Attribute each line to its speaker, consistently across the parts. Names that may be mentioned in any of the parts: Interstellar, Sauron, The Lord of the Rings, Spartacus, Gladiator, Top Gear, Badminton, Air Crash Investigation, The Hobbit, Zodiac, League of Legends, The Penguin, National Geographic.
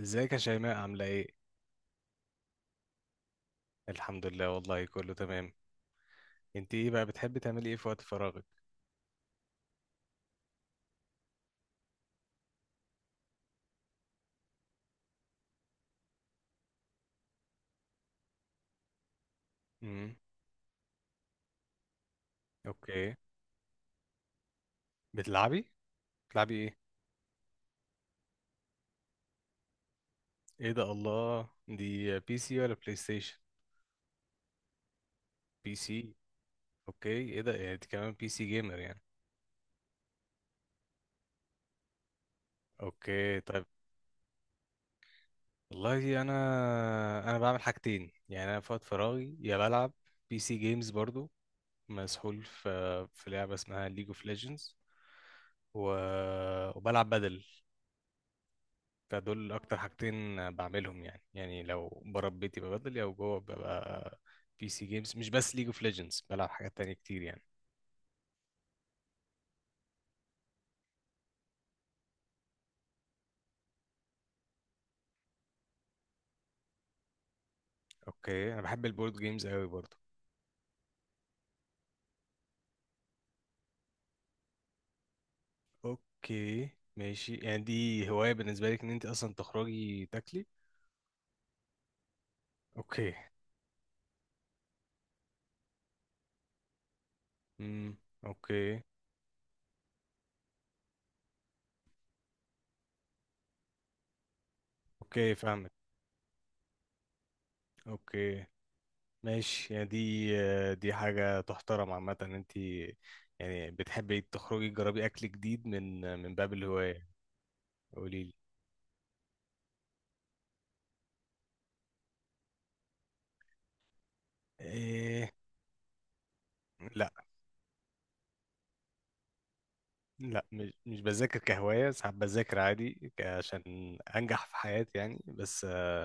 Speaker 1: ازيك يا شيماء، عاملة ايه؟ الحمد لله، والله كله تمام. انت ايه بقى بتحبي تعملي ايه في وقت فراغك؟ امم. اوكي. بتلعبي؟ بتلعبي ايه؟ ايه ده، الله، دي بي سي ولا بلاي ستيشن؟ بي سي. اوكي، ايه ده يعني انت كمان بي سي جيمر يعني. اوكي طيب. والله انا بعمل حاجتين، يعني انا في وقت فراغي يا بلعب بي سي جيمز برضو، مسحول في لعبة اسمها ليج اوف ليجندز و... وبلعب بدل، فدول اكتر حاجتين بعملهم يعني. يعني لو بره بيتي ببدل، او جوه ببقى بي سي جيمز، مش بس ليج اوف ليجندز، بلعب حاجات تانية كتير يعني. اوكي، انا بحب البورد جيمز قوي برضو. اوكي ماشي، يعني دي هواية بالنسبة لك ان انت اصلا تخرجي تاكلي. اوكي. امم. اوكي، اوكي، فاهمك. اوكي ماشي، يعني دي دي حاجة تحترم عامة، ان انت يعني بتحبي تخرجي تجربي اكل جديد من باب الهواية. قوليلي إيه. لا لا، مش بذاكر كهواية، ساعات بذاكر عادي عشان أنجح في حياتي يعني بس.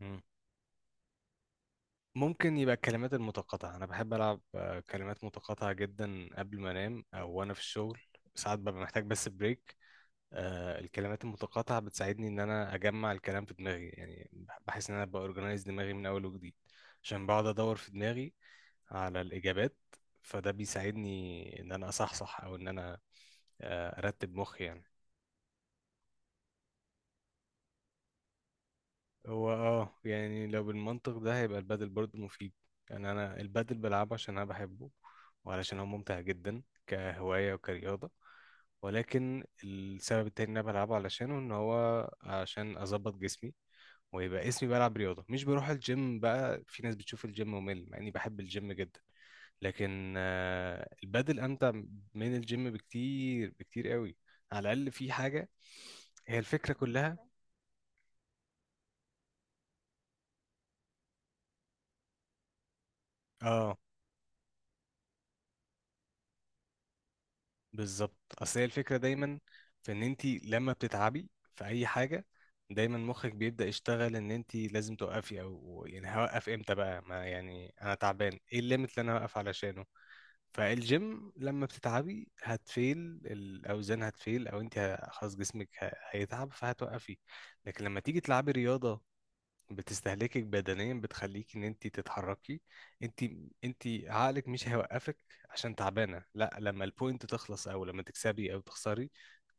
Speaker 1: مم. ممكن يبقى الكلمات المتقاطعة. أنا بحب ألعب كلمات متقاطعة جدا قبل ما أنام، أو وأنا في الشغل، ساعات ببقى محتاج بس بريك. الكلمات المتقاطعة بتساعدني إن أنا أجمع الكلام في دماغي، يعني بحس إن أنا بأورجنايز دماغي من أول وجديد، عشان بقعد أدور في دماغي على الإجابات. فده بيساعدني إن أنا أصحصح، أو إن أنا أرتب مخي يعني. هو يعني لو بالمنطق ده هيبقى البادل برضه مفيد. يعني انا البادل بلعبه عشان انا بحبه، وعلشان هو ممتع جدا كهوايه وكرياضه. ولكن السبب التاني اللي انا بلعبه علشانه ان هو عشان اظبط جسمي ويبقى اسمي بلعب رياضه، مش بروح الجيم بقى. في ناس بتشوف الجيم ممل، مع اني بحب الجيم جدا، لكن البادل امتع من الجيم بكتير، بكتير قوي. على الاقل في حاجه، هي الفكره كلها. اه بالظبط، اصل هي الفكره دايما في ان انت لما بتتعبي في اي حاجه دايما مخك بيبدا يشتغل، ان انت لازم توقفي، او يعني هوقف امتى بقى، ما يعني انا تعبان، ايه الليميت اللي انا هوقف علشانه. فالجيم لما بتتعبي هتفيل الاوزان، هتفيل، او انت خلاص جسمك هيتعب فهتوقفي. لكن لما تيجي تلعبي رياضه، بتستهلكك بدنيا، بتخليك ان انت تتحركي. انت انت عقلك مش هيوقفك عشان تعبانه، لا، لما البوينت تخلص، او لما تكسبي او تخسري،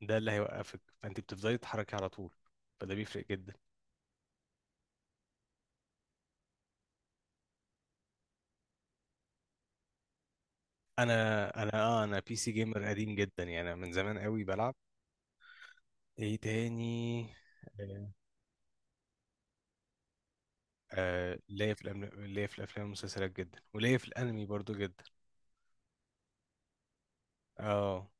Speaker 1: ده اللي هيوقفك. فانت بتفضلي تتحركي على طول، فده بيفرق جدا. انا بي سي جيمر قديم جدا، يعني أنا من زمان قوي بلعب. ايه تاني. آه ليا في الافلام والمسلسلات جدا، وليا في الانمي برضو جدا. اه،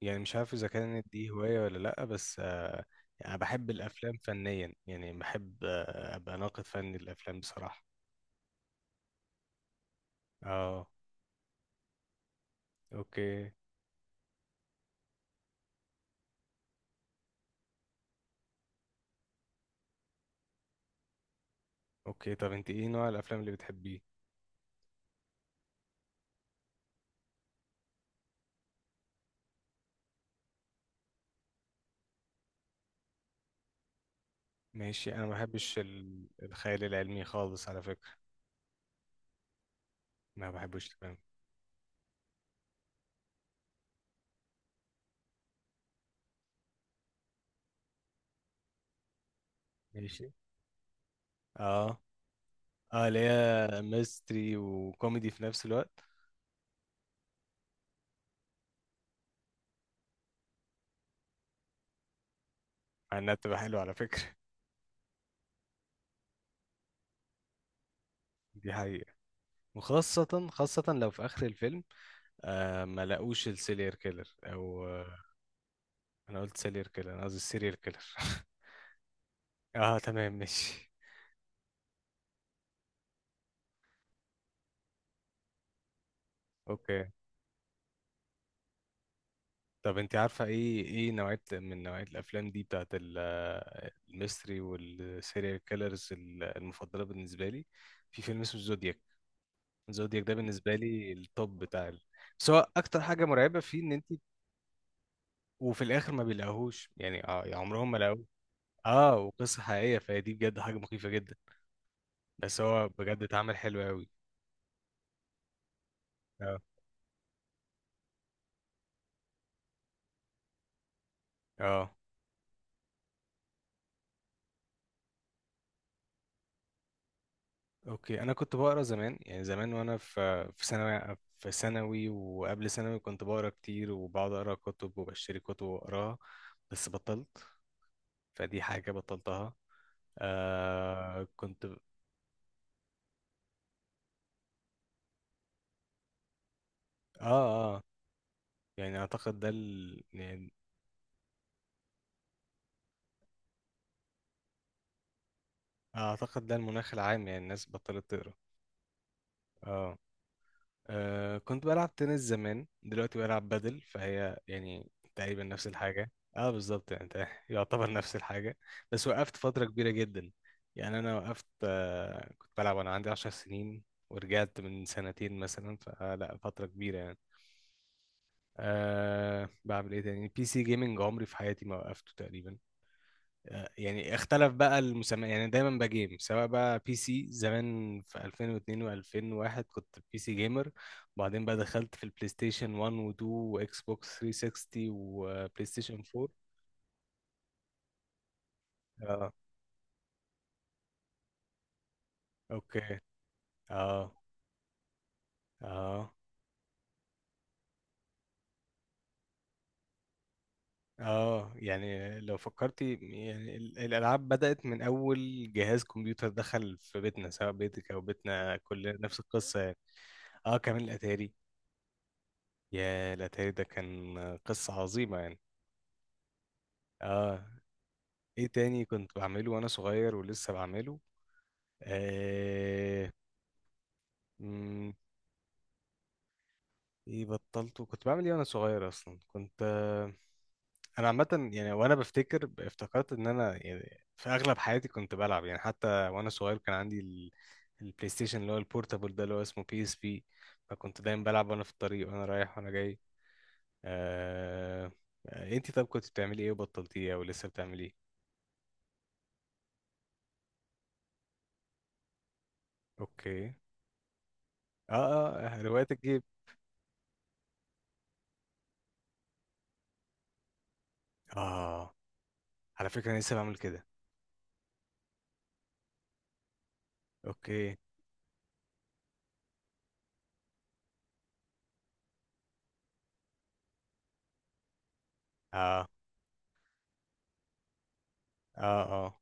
Speaker 1: يعني مش عارف اذا كانت دي هواية ولا لا بس. يعني انا بحب الافلام فنيا، يعني بحب ابقى ناقد فني للافلام بصراحة. اه. اوكي. اوكي، طب انت ايه نوع الافلام اللي بتحبيه؟ ماشي، انا ما بحبش الخيال العلمي خالص على فكرة. ما بحبوش تمام، ماشي. اه اه، اللي هي ميستري وكوميدي في نفس الوقت. مع انها بتبقى حلوة على فكرة. دي حقيقة، وخاصة خاصة لو في آخر الفيلم ما لاقوش السيريال كيلر. أو انا قلت سيريال كيلر، انا قصدي سيريال كيلر. اه تمام ماشي. اوكي، طب انت عارفه ايه نوعيه من نوعيه الافلام دي بتاعت الميستري والسيريال كيلرز المفضله بالنسبه لي؟ في فيلم اسمه زودياك. زودياك ده بالنسبه لي التوب بتاع بس هو اكتر حاجه مرعبه فيه ان انت وفي الاخر ما بيلاقوهوش، يعني يعني عمرهم ما لاقوه. اه، وقصه حقيقيه، فهي دي بجد حاجه مخيفه جدا. بس هو بجد اتعمل حلو قوي. اه اه. اوكي، انا كنت بقرا زمان، يعني زمان وانا في ثانوي، في ثانوي وقبل ثانوي كنت بقرا كتير، وبقعد اقرا كتب وبشتري كتب واقراها. بس بطلت، فدي حاجه بطلتها. آه كنت ب- اه اه، يعني اعتقد ده يعني اعتقد ده المناخ العام، يعني الناس بطلت تقرا. اه. أه كنت بلعب تنس زمان، دلوقتي بلعب بدل، فهي يعني تقريبا نفس الحاجة. اه بالظبط، يعني انت يعتبر نفس الحاجة. بس وقفت فترة كبيرة جدا، يعني انا وقفت. كنت بلعب وانا عندي 10 سنين، ورجعت من سنتين مثلا، فلا فترة كبيرة يعني. بعمل ايه تاني. بي سي جيمنج عمري في حياتي ما وقفته تقريبا. يعني اختلف بقى المسمى يعني، دايما بجيم، سواء بقى بي سي زمان في 2002 و2001 كنت بي سي جيمر، وبعدين بقى دخلت في البلاي ستيشن 1 و2 واكس بوكس 360 وبلاي ستيشن 4. اه. اوكي. اه اه اه، يعني لو فكرتي يعني الالعاب بدأت من اول جهاز كمبيوتر دخل في بيتنا، سواء بيتك او بيتنا، كلنا نفس القصة يعني. اه، كمان الاتاري. يا الاتاري ده كان قصة عظيمة يعني. اه. ايه تاني كنت بعمله وانا صغير ولسه بعمله. آه... مم. ايه بطلته، كنت بعمل ايه وانا صغير اصلا، كنت انا عامه يعني. وانا بفتكر افتكرت ان انا يعني في اغلب حياتي كنت بلعب، يعني حتى وانا صغير كان عندي البلاي ستيشن اللي هو البورتابل ده اللي هو اسمه بي اس بي، فكنت دايما بلعب وانا في الطريق، وانا رايح وانا جاي. آه... انتي طب كنت بتعملي ايه وبطلتيه او لسه بتعملي ايه؟ اوكي. اه اه، هوايات الجيب. اه، على فكره انا لسه بعمل كده. اوكي. اه اه اه.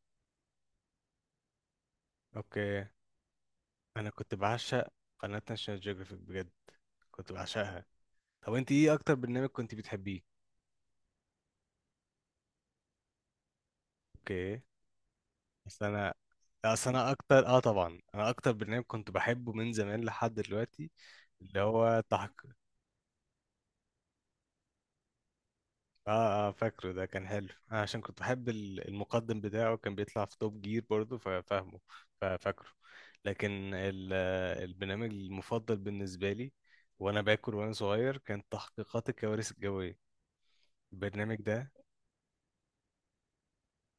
Speaker 1: اوكي، انا كنت بعشق قناة ناشونال جيوغرافيك بجد، كنت بعشقها. طب انت ايه اكتر برنامج كنت بتحبيه؟ اوكي. بس انا، اصل انا اكتر اه طبعا انا اكتر برنامج كنت بحبه من زمان لحد دلوقتي. اللي هو اه اه، فاكره، ده كان حلو، انا عشان كنت بحب المقدم بتاعه كان بيطلع في توب جير برضه ففاهمه، ففاكره. لكن البرنامج المفضل بالنسبه لي وانا باكل وانا صغير كان تحقيقات الكوارث الجويه، البرنامج ده.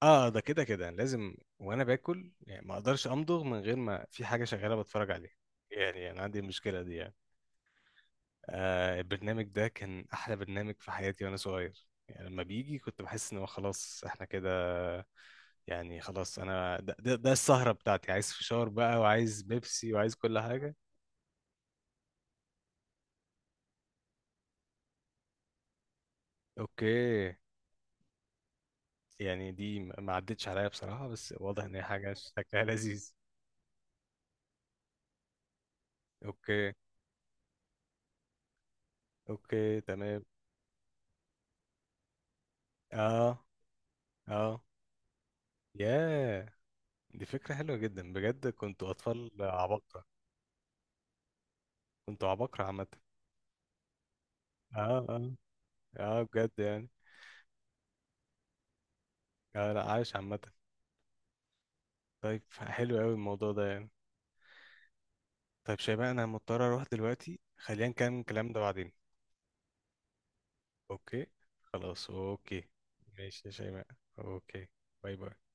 Speaker 1: اه، ده كده كده لازم وانا باكل، يعني ما اقدرش امضغ من غير ما في حاجه شغاله بتفرج عليها، يعني انا عندي المشكله دي يعني. البرنامج ده كان احلى برنامج في حياتي وانا صغير، يعني لما بيجي كنت بحس ان هو خلاص احنا كده، يعني خلاص، انا ده السهرة بتاعتي، عايز فشار بقى وعايز بيبسي وعايز كل حاجة. اوكي. يعني دي ما عدتش عليا بصراحة، بس واضح ان هي حاجة شكلها لذيذ. اوكي. اوكي تمام. اه اه. ياه، دي فكرة حلوة جدا بجد، كنتوا اطفال عباقرة. كنتوا عباقرة عامة. اه اه اه، بجد يعني. اه، لا عايش عامة. طيب حلو قوي الموضوع ده يعني. طيب شباب، انا مضطر اروح دلوقتي، خلينا نكمل الكلام ده بعدين. اوكي. خلاص اوكي. ماشي يا شيماء. اوكي. باي باي.